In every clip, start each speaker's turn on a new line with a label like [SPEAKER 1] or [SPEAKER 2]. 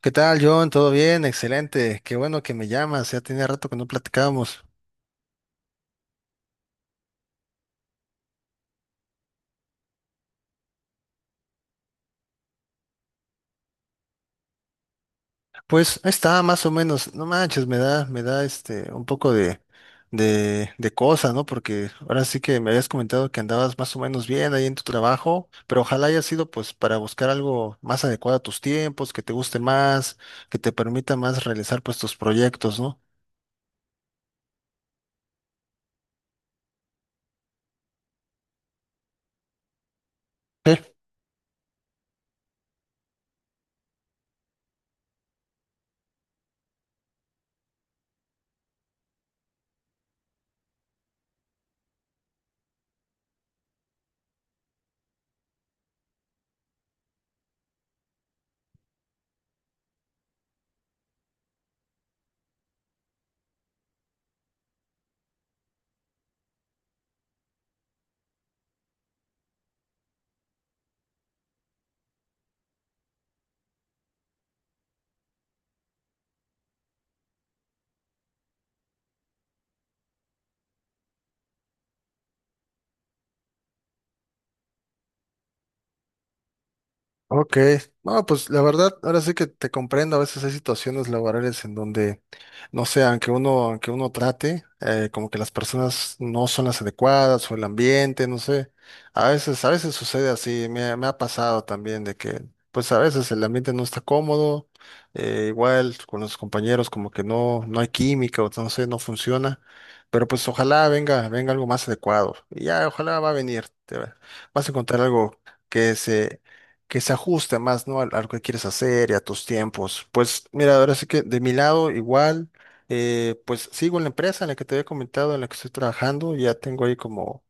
[SPEAKER 1] ¿Qué tal, John? ¿Todo bien? Excelente. Qué bueno que me llamas. Ya tenía rato que no platicábamos. Pues ahí está, más o menos. No manches, me da este un poco de cosa, ¿no? Porque ahora sí que me habías comentado que andabas más o menos bien ahí en tu trabajo, pero ojalá haya sido pues para buscar algo más adecuado a tus tiempos, que te guste más, que te permita más realizar pues tus proyectos, ¿no? Ok, no, pues la verdad, ahora sí que te comprendo, a veces hay situaciones laborales en donde, no sé, aunque uno trate, como que las personas no son las adecuadas o el ambiente, no sé, a veces sucede así, me ha pasado también de que, pues a veces el ambiente no está cómodo, igual con los compañeros como que no hay química o no sé, no funciona, pero pues ojalá venga algo más adecuado, y ya, ojalá va a venir, vas a encontrar algo que se que se ajuste más, ¿no? A lo que quieres hacer y a tus tiempos. Pues mira, ahora sí que de mi lado igual, pues sigo en la empresa en la que te había comentado, en la que estoy trabajando, ya tengo ahí como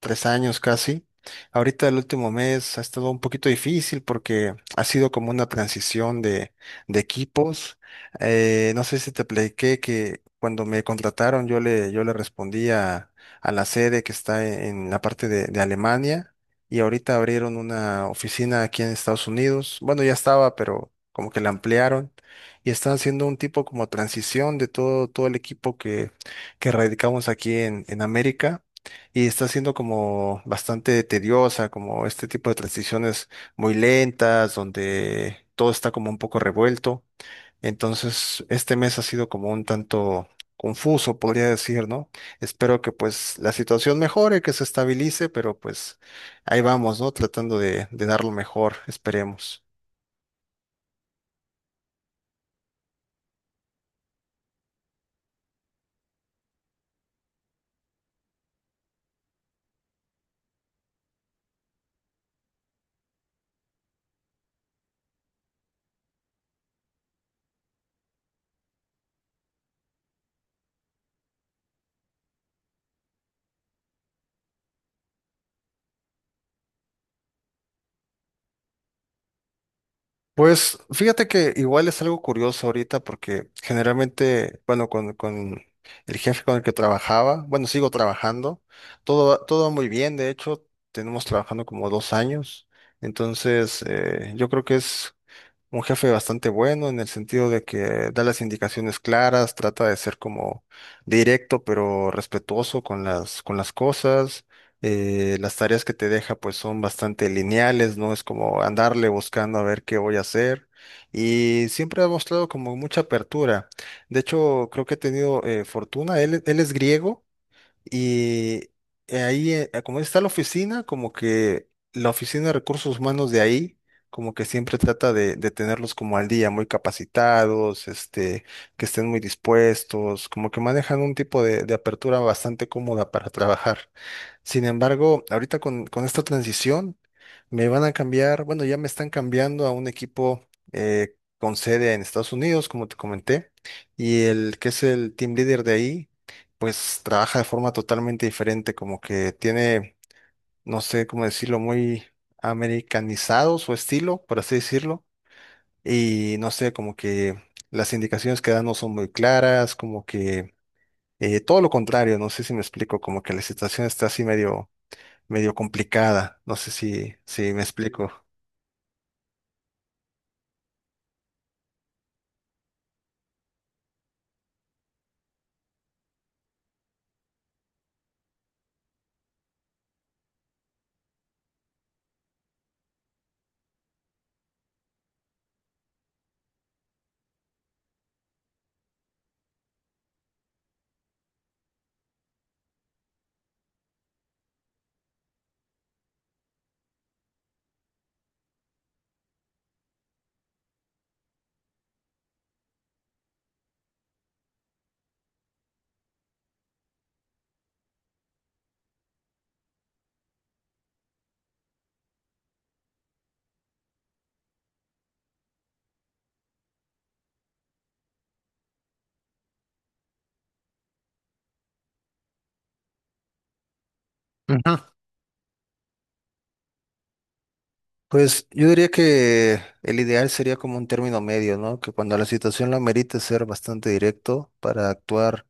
[SPEAKER 1] tres años casi. Ahorita el último mes ha estado un poquito difícil porque ha sido como una transición de equipos. No sé si te platiqué que cuando me contrataron yo le respondí a la sede que está en la parte de Alemania y ahorita abrieron una oficina aquí en Estados Unidos. Bueno, ya estaba, pero como que la ampliaron y están haciendo un tipo como transición de todo, todo el equipo que radicamos aquí en América y está siendo como bastante tediosa, como este tipo de transiciones muy lentas, donde todo está como un poco revuelto. Entonces, este mes ha sido como un tanto confuso, podría decir, ¿no? Espero que pues la situación mejore, que se estabilice, pero pues ahí vamos, ¿no? Tratando de dar lo mejor, esperemos. Pues fíjate que igual es algo curioso ahorita porque generalmente, bueno, con el jefe con el que trabajaba, bueno, sigo trabajando, todo, todo va muy bien, de hecho, tenemos trabajando como dos años, entonces yo creo que es un jefe bastante bueno en el sentido de que da las indicaciones claras, trata de ser como directo pero respetuoso con las cosas. Las tareas que te deja pues son bastante lineales, no es como andarle buscando a ver qué voy a hacer. Y siempre ha mostrado como mucha apertura. De hecho, creo que he tenido fortuna. Él es griego. Y como está la oficina, como que la oficina de recursos humanos de ahí, como que siempre trata de tenerlos como al día, muy capacitados, este, que estén muy dispuestos, como que manejan un tipo de apertura bastante cómoda para trabajar. Sin embargo, ahorita con esta transición, me van a cambiar, bueno, ya me están cambiando a un equipo con sede en Estados Unidos, como te comenté, y el que es el team leader de ahí pues trabaja de forma totalmente diferente, como que tiene, no sé cómo decirlo, muy americanizado su estilo, por así decirlo, y no sé, como que las indicaciones que da no son muy claras, como que todo lo contrario, no sé si me explico, como que la situación está así medio, medio complicada, no sé si me explico. Ujú. Pues yo diría que el ideal sería como un término medio, ¿no? Que cuando la situación lo amerite ser bastante directo para actuar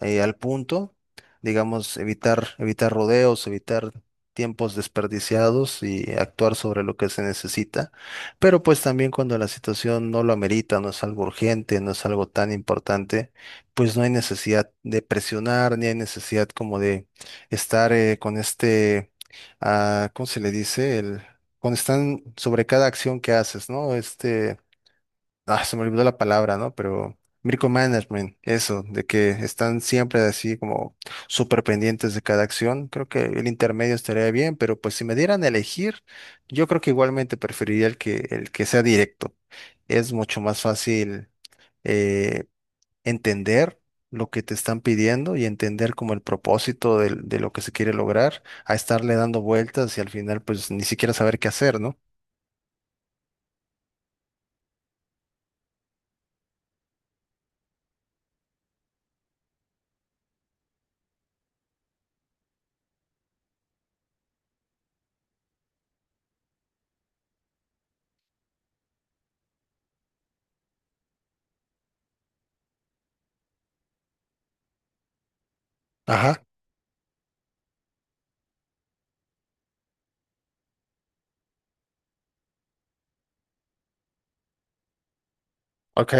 [SPEAKER 1] al punto, digamos, evitar rodeos, evitar tiempos desperdiciados y actuar sobre lo que se necesita. Pero pues también cuando la situación no lo amerita, no es algo urgente, no es algo tan importante, pues no hay necesidad de presionar, ni hay necesidad como de estar con este, ah, ¿cómo se le dice? Cuando están sobre cada acción que haces, ¿no? Este, ah, se me olvidó la palabra, ¿no? Pero micromanagement, eso, de que están siempre así como súper pendientes de cada acción. Creo que el intermedio estaría bien, pero pues si me dieran a elegir, yo creo que igualmente preferiría el que sea directo. Es mucho más fácil eh, entender lo que te están pidiendo y entender como el propósito de lo que se quiere lograr, a estarle dando vueltas y al final pues ni siquiera saber qué hacer, ¿no? Ajá. Ok,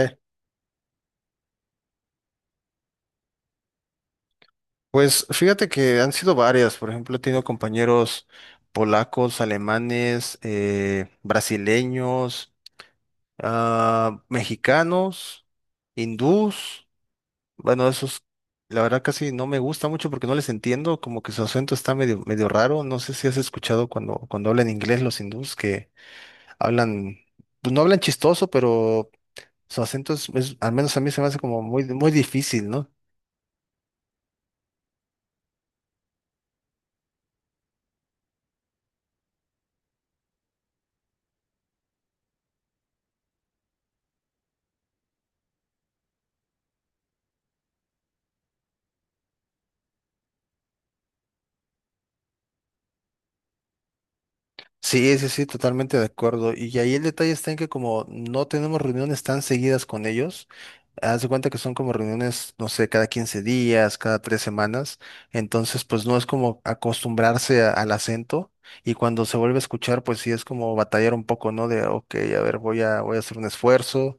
[SPEAKER 1] pues fíjate que han sido varias, por ejemplo, he tenido compañeros polacos, alemanes, brasileños, ah, mexicanos, hindús, bueno, esos la verdad casi no me gusta mucho porque no les entiendo, como que su acento está medio, medio raro, no sé si has escuchado cuando hablan inglés los hindús que hablan, pues no hablan chistoso, pero su acento al menos a mí se me hace como muy, muy difícil, ¿no? Sí, sí, sí, totalmente de acuerdo. Y ahí el detalle está en que como no tenemos reuniones tan seguidas con ellos, haz de cuenta que son como reuniones, no sé, cada 15 días, cada tres semanas. Entonces, pues no es como acostumbrarse al acento. Y cuando se vuelve a escuchar, pues sí es como batallar un poco, ¿no? De, ok, a ver, voy a hacer un esfuerzo.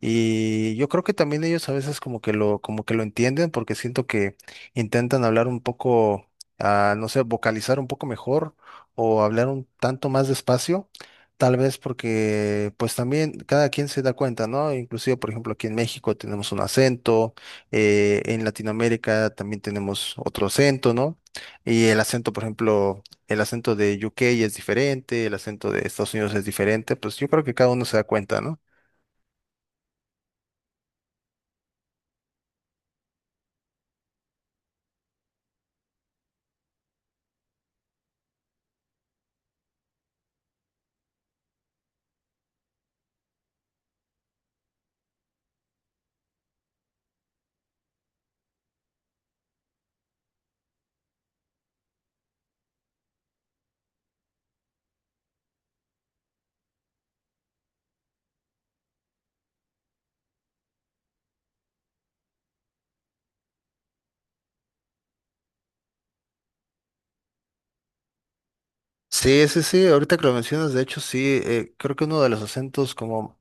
[SPEAKER 1] Y yo creo que también ellos a veces como que lo entienden, porque siento que intentan hablar un poco, ah, no sé, vocalizar un poco mejor o hablar un tanto más despacio, tal vez porque pues también cada quien se da cuenta, ¿no? Inclusive, por ejemplo, aquí en México tenemos un acento, en Latinoamérica también tenemos otro acento, ¿no? Y el acento, por ejemplo, el acento de UK es diferente, el acento de Estados Unidos es diferente, pues yo creo que cada uno se da cuenta, ¿no? Sí, sí, sí, ahorita que lo mencionas, de hecho, sí, creo que uno de los acentos como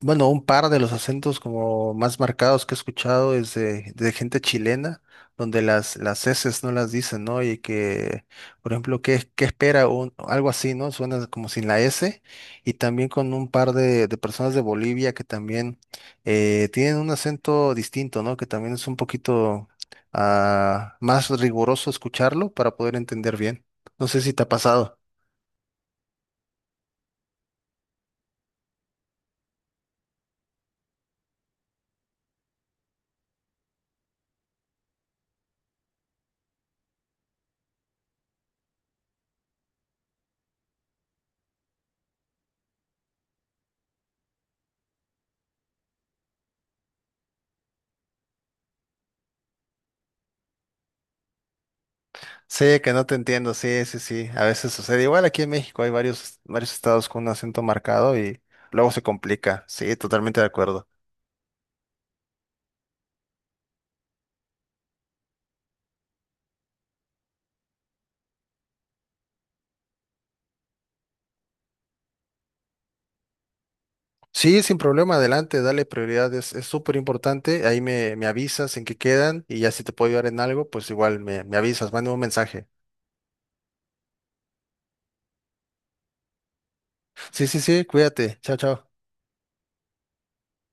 [SPEAKER 1] bueno, un par de los acentos como más marcados que he escuchado es de gente chilena, donde las eses no las dicen, ¿no? Y que, por ejemplo, ¿qué, qué espera? Un, algo así, ¿no? Suena como sin la S. Y también con un par de personas de Bolivia que también tienen un acento distinto, ¿no? Que también es un poquito ah, más riguroso escucharlo para poder entender bien. No sé si te ha pasado. Sí, que no te entiendo, sí, sí, sí. A veces sucede. Igual aquí en México hay varios, varios estados con un acento marcado y luego se complica. Sí, totalmente de acuerdo. Sí, sin problema, adelante, dale prioridad, es súper importante. Ahí me avisas en qué quedan y ya si te puedo ayudar en algo, pues igual me avisas, mándame un mensaje. Sí, sí, sí, cuídate. Chao, chao.